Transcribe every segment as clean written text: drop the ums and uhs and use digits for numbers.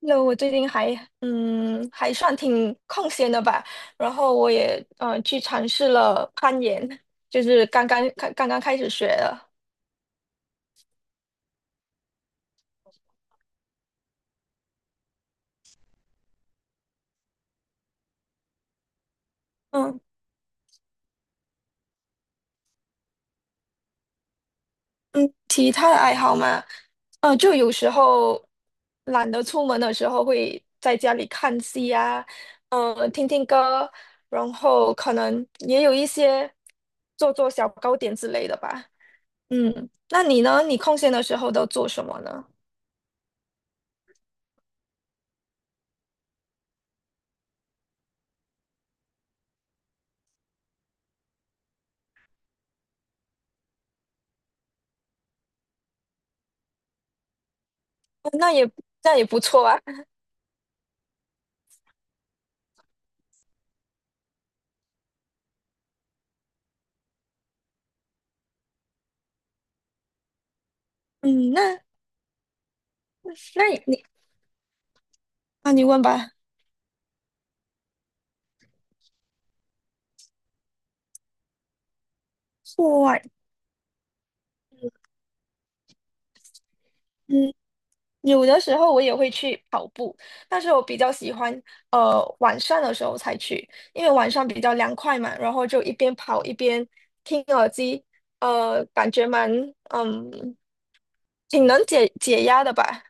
那我最近还还算挺空闲的吧，然后我也去尝试了攀岩，就是刚刚开始学的。嗯嗯。其他的爱好嘛，就有时候懒得出门的时候，会在家里看戏啊，听听歌，然后可能也有一些做做小糕点之类的吧。嗯，那你呢？你空闲的时候都做什么呢？哦，那也那也不错啊。嗯，那那你你啊，你问吧。户外。嗯，有的时候我也会去跑步，但是我比较喜欢晚上的时候才去，因为晚上比较凉快嘛，然后就一边跑一边听耳机，感觉蛮嗯挺能解解压的吧。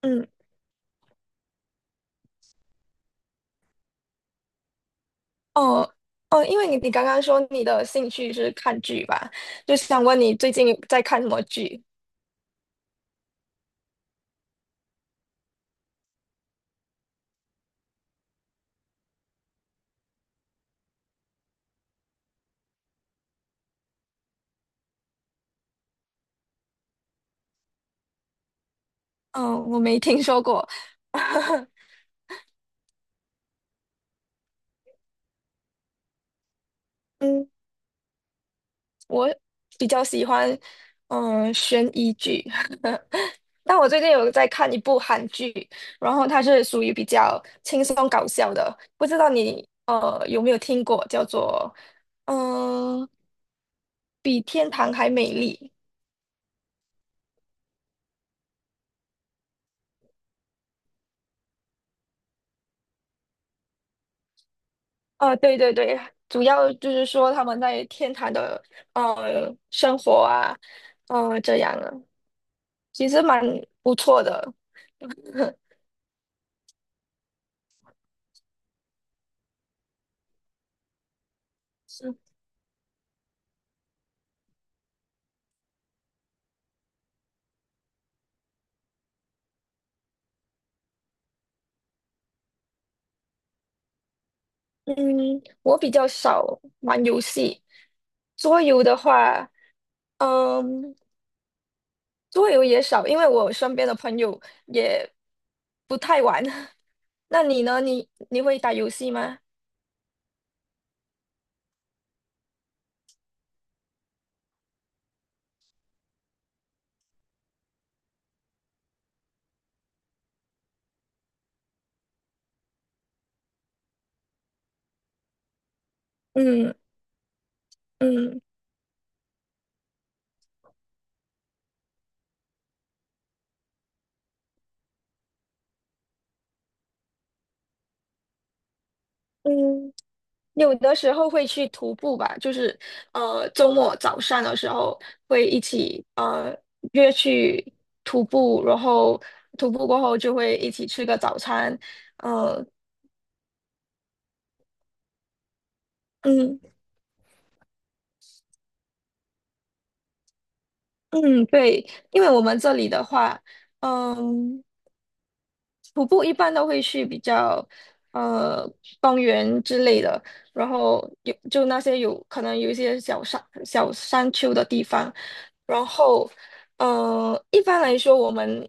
嗯。哦哦，因为你刚刚说你的兴趣是看剧吧，就想问你最近在看什么剧？嗯，我没听说过。嗯。我比较喜欢悬疑剧，但我最近有在看一部韩剧，然后它是属于比较轻松搞笑的，不知道你有没有听过，叫做嗯、呃比天堂还美丽。呃，对对对，主要就是说他们在天堂的生活啊，呃这样啊，其实蛮不错的。嗯，我比较少玩游戏，桌游的话。嗯，桌游也少，因为我身边的朋友也不太玩。那你呢？你你会打游戏吗？嗯。嗯嗯，有的时候会去徒步吧，就是周末早上的时候会一起约去徒步，然后徒步过后就会一起吃个早餐，呃嗯嗯对，因为我们这里的话，嗯。徒步一般都会去比较呃公园之类的，然后有就那些有可能有一些小山丘的地方，然后一般来说我们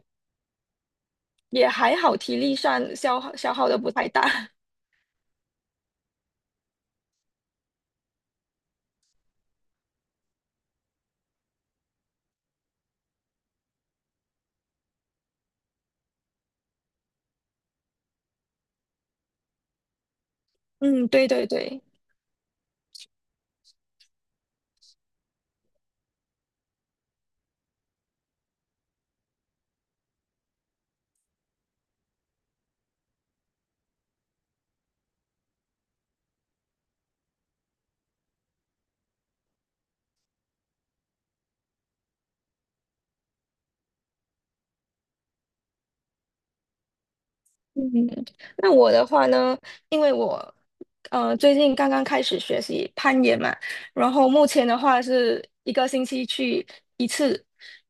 也还好，体力上消耗的不太大。嗯，对对对。嗯，那我的话呢，因为我最近刚刚开始学习攀岩嘛，然后目前的话是一个星期去一次，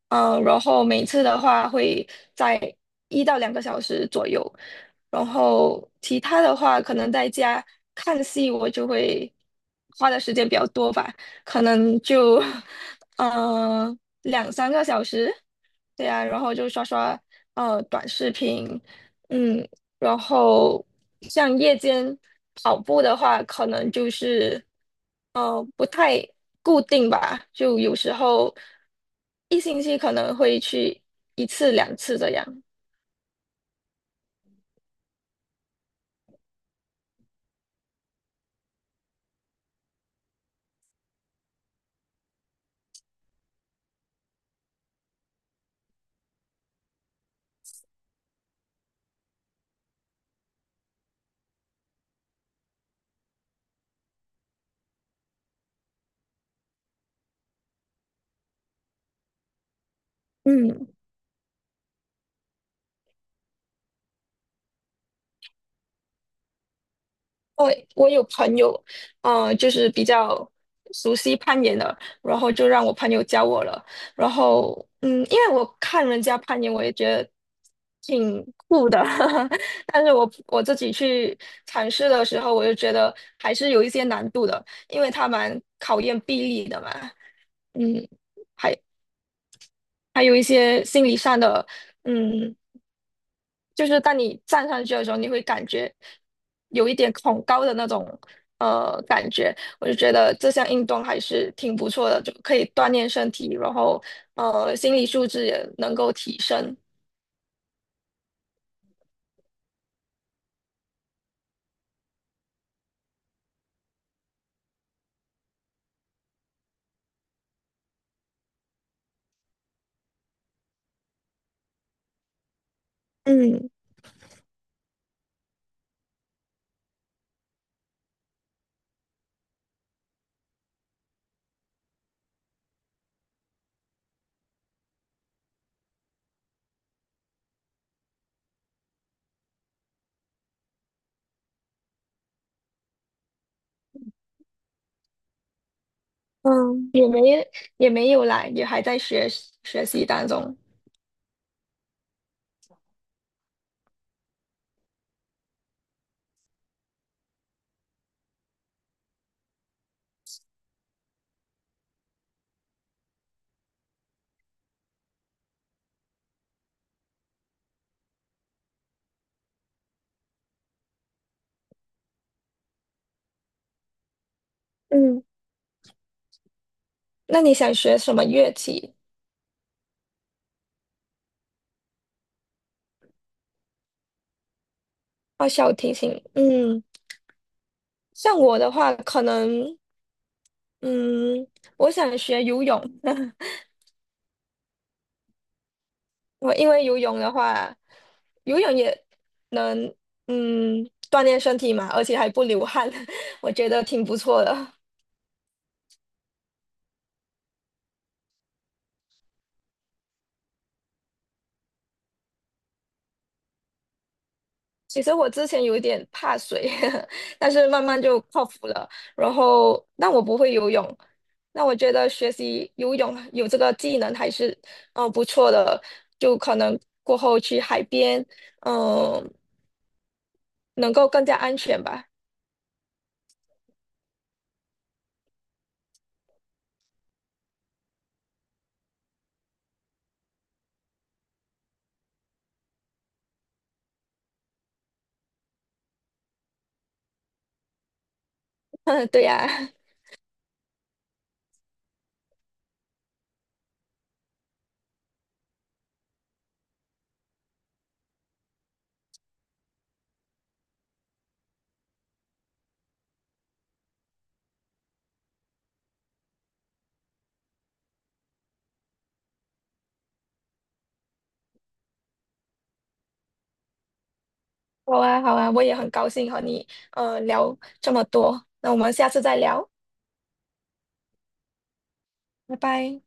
呃，然后每次的话会在一到两个小时左右，然后其他的话可能在家看戏，我就会花的时间比较多吧，可能就 呃两三个小时，对啊，然后就刷刷短视频。嗯，然后像夜间跑步的话，可能就是不太固定吧，就有时候一星期可能会去一次两次这样。嗯。我我有朋友，就是比较熟悉攀岩的，然后就让我朋友教我了。然后，嗯，因为我看人家攀岩，我也觉得挺酷的，但是我自己去尝试的时候，我就觉得还是有一些难度的，因为它蛮考验臂力的嘛，嗯。还还有一些心理上的，嗯。就是当你站上去的时候，你会感觉有一点恐高的那种感觉。我就觉得这项运动还是挺不错的，就可以锻炼身体，然后心理素质也能够提升。嗯，嗯也没也没有来，也还在学习当中。嗯，那你想学什么乐器？哦，小提琴。嗯，像我的话，可能嗯，我想学游泳。我因为游泳的话，游泳也能嗯锻炼身体嘛，而且还不流汗，我觉得挺不错的。其实我之前有一点怕水，但是慢慢就克服了。然后，但我不会游泳，那我觉得学习游泳有这个技能还是不错的，就可能过后去海边，嗯、能够更加安全吧。对呀、好啊，好啊，我也很高兴和你聊这么多，那我们下次再聊，拜拜。